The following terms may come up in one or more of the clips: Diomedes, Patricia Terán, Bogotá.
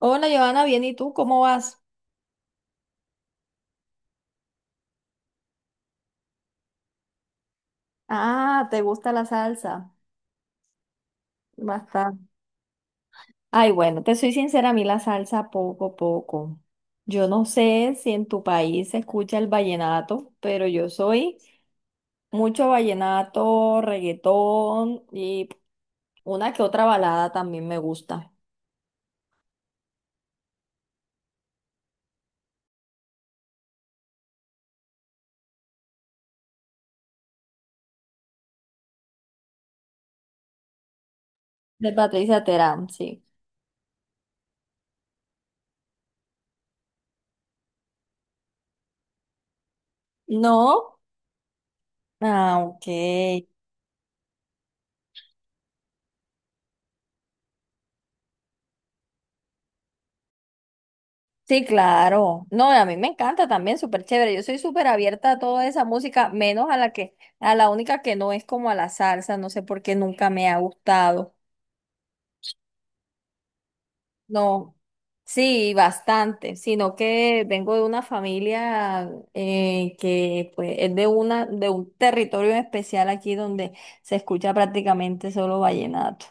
Hola, Giovanna, bien, ¿y tú cómo vas? Ah, ¿te gusta la salsa? Bastante. Ay, bueno, te soy sincera, a mí la salsa poco, poco. Yo no sé si en tu país se escucha el vallenato, pero yo soy mucho vallenato, reggaetón y una que otra balada también me gusta. De Patricia Terán, sí. ¿No? Ah, ok. Sí, claro. No, a mí me encanta también, súper chévere. Yo soy súper abierta a toda esa música, menos a la única que no es como a la salsa, no sé por qué nunca me ha gustado. No, sí, bastante, sino que vengo de una familia que pues es de un territorio en especial aquí donde se escucha prácticamente solo vallenato.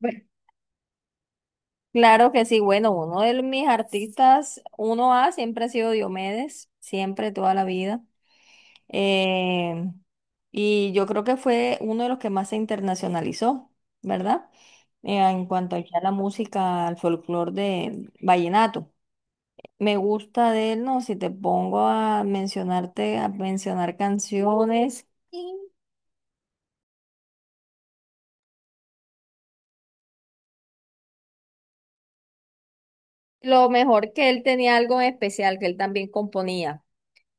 Bueno, claro que sí, bueno, uno de mis artistas, uno A, siempre ha sido Diomedes, siempre, toda la vida. Eh, y yo creo que fue uno de los que más se internacionalizó, ¿verdad? En cuanto aquí a la música, al folclore de vallenato. Me gusta de él, ¿no? Si te pongo a mencionar canciones, lo mejor que él tenía algo en especial, que él también componía.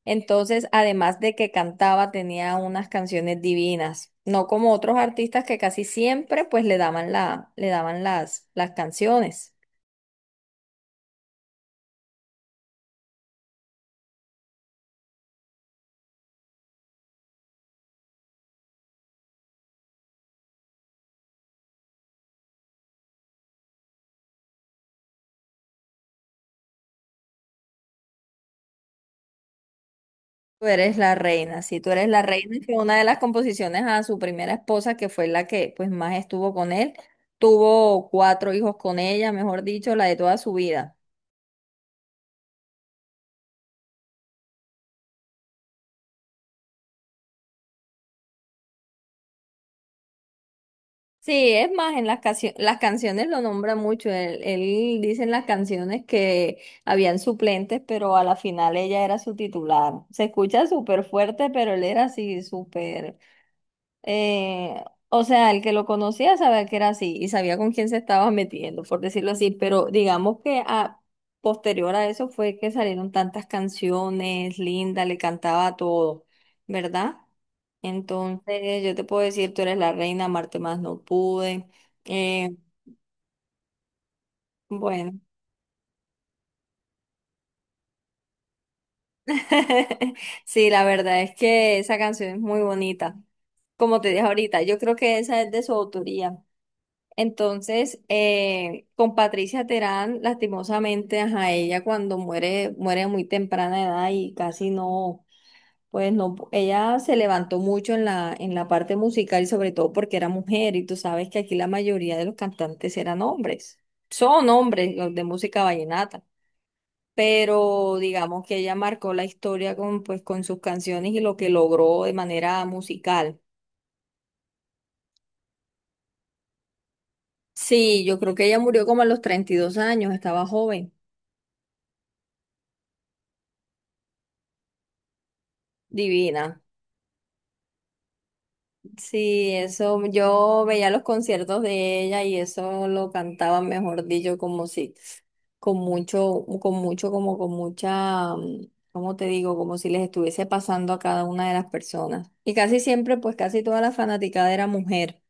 Entonces, además de que cantaba, tenía unas canciones divinas, no como otros artistas que casi siempre pues le daban las canciones. Tú eres la reina, sí, tú eres la reina, que una de las composiciones a su primera esposa, que fue la que pues más estuvo con él, tuvo 4 hijos con ella, mejor dicho, la de toda su vida. Sí, es más, las canciones lo nombra mucho, él dice en las canciones que habían suplentes, pero a la final ella era su titular. Se escucha súper fuerte, pero él era así súper. Eh, o sea, el que lo conocía sabía que era así y sabía con quién se estaba metiendo, por decirlo así, pero digamos que a posterior a eso fue que salieron tantas canciones, Linda le cantaba a todo, ¿verdad? Entonces yo te puedo decir, tú eres la reina, Marte más no pude. Eh, bueno, sí, la verdad es que esa canción es muy bonita. Como te dije ahorita, yo creo que esa es de su autoría. Entonces, con Patricia Terán, lastimosamente, ajá, ella cuando muere, muere a muy temprana edad y casi no, pues no, ella se levantó mucho en la parte musical y sobre todo porque era mujer y tú sabes que aquí la mayoría de los cantantes eran hombres, son hombres los de música vallenata, pero digamos que ella marcó la historia con, pues, con sus canciones y lo que logró de manera musical. Sí, yo creo que ella murió como a los 32 años, estaba joven, divina. Sí, eso, yo veía los conciertos de ella y eso lo cantaba, mejor dicho, como si, como con mucha, ¿cómo te digo? Como si les estuviese pasando a cada una de las personas. Y casi siempre, pues casi toda la fanaticada era mujer.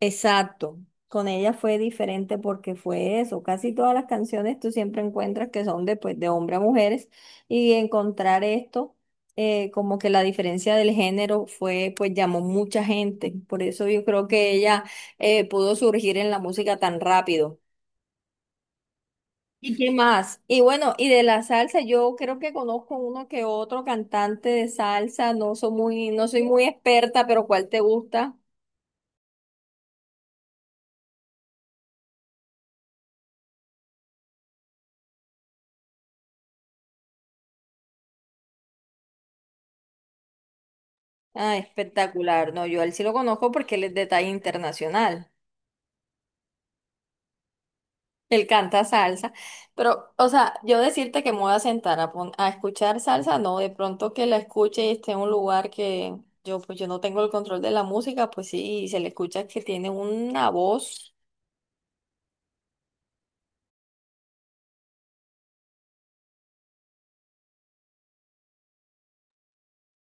Exacto. Con ella fue diferente porque fue eso. Casi todas las canciones tú siempre encuentras que son de, pues, de hombre a mujeres y encontrar esto, como que la diferencia del género fue, pues llamó mucha gente. Por eso yo creo que ella pudo surgir en la música tan rápido. ¿Y qué más? Y bueno, y de la salsa, yo creo que conozco uno que otro cantante de salsa. No soy muy experta, pero ¿cuál te gusta? Ah, espectacular. No, yo a él sí lo conozco porque él es de talla internacional. Él canta salsa. Pero, o sea, yo decirte que me voy a sentar a escuchar salsa, no, de pronto que la escuche y esté en un lugar que yo, pues yo no tengo el control de la música, pues sí, y se le escucha que tiene una voz.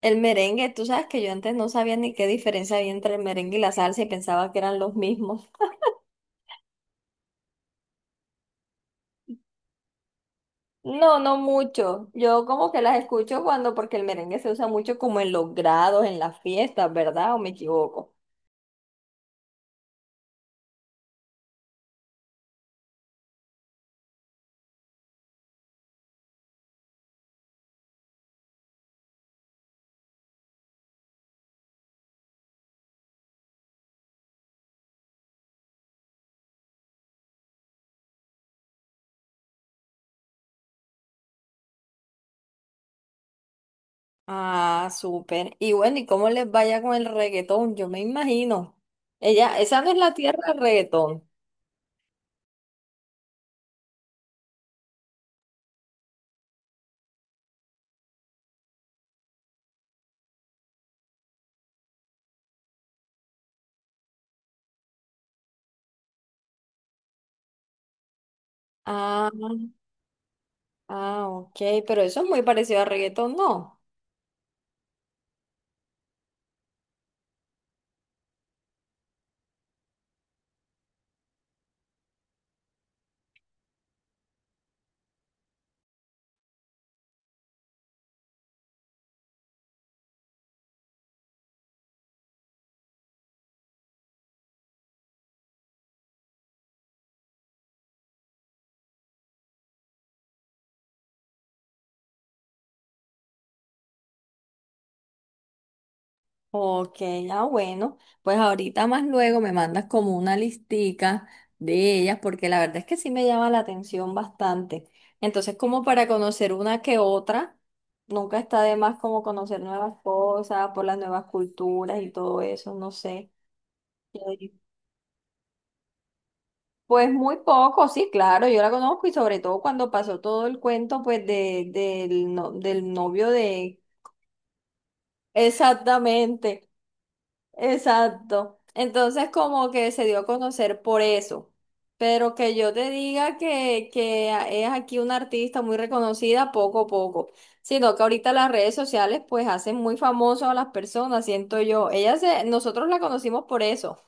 El merengue, tú sabes que yo antes no sabía ni qué diferencia había entre el merengue y la salsa y pensaba que eran los mismos. No, no mucho. Yo como que las escucho cuando, porque el merengue se usa mucho como en los grados, en las fiestas, ¿verdad? ¿O me equivoco? Ah, súper. Y bueno, ¿y cómo les vaya con el reggaetón? Yo me imagino. Ella, esa no es la tierra del reggaetón. Ah, ah, ok, pero eso es muy parecido al reggaetón, ¿no? Ok, ah bueno, pues ahorita más luego me mandas como una listica de ellas porque la verdad es que sí me llama la atención bastante. Entonces, como para conocer una que otra, nunca está de más como conocer nuevas cosas, por las nuevas culturas y todo eso, no sé. Sí. Pues muy poco, sí, claro, yo la conozco y sobre todo cuando pasó todo el cuento pues de, del, no- del novio de... Exactamente. Exacto. Entonces como que se dio a conocer por eso. Pero que yo te diga que es aquí una artista muy reconocida poco a poco. Sino que ahorita las redes sociales pues hacen muy famoso a las personas, siento yo. Ella se, nosotros la conocimos por eso.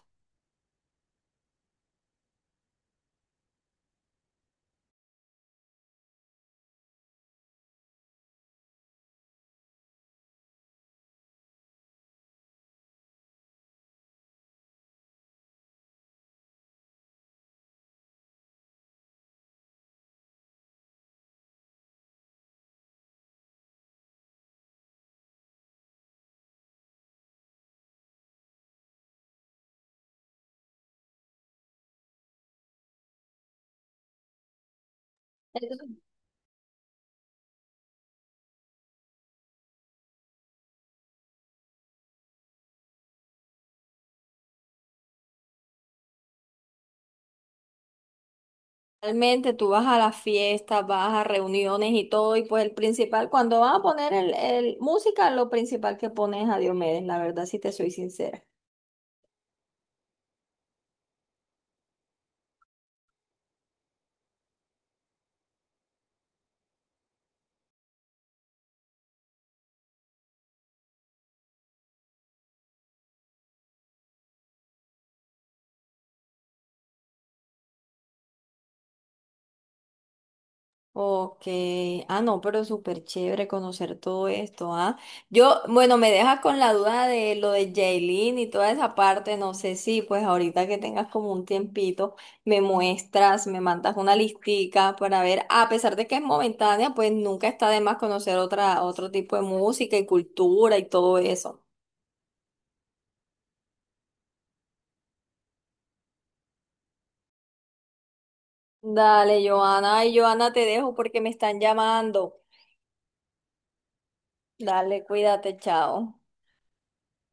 Realmente tú vas a las fiestas, vas a reuniones y todo, y pues el principal, cuando van a poner el música, lo principal que pones es a Diomedes, la verdad, si te soy sincera. Ok, ah no, pero súper chévere conocer todo esto, ¿ah? Yo, bueno, me dejas con la duda de lo de Jailin y toda esa parte, no sé si pues ahorita que tengas como un tiempito, me muestras, me mandas una listica para ver, a pesar de que es momentánea, pues nunca está de más conocer otra, otro tipo de música y cultura y todo eso. Dale, Joana, ay, Joana, te dejo porque me están llamando. Dale, cuídate, chao.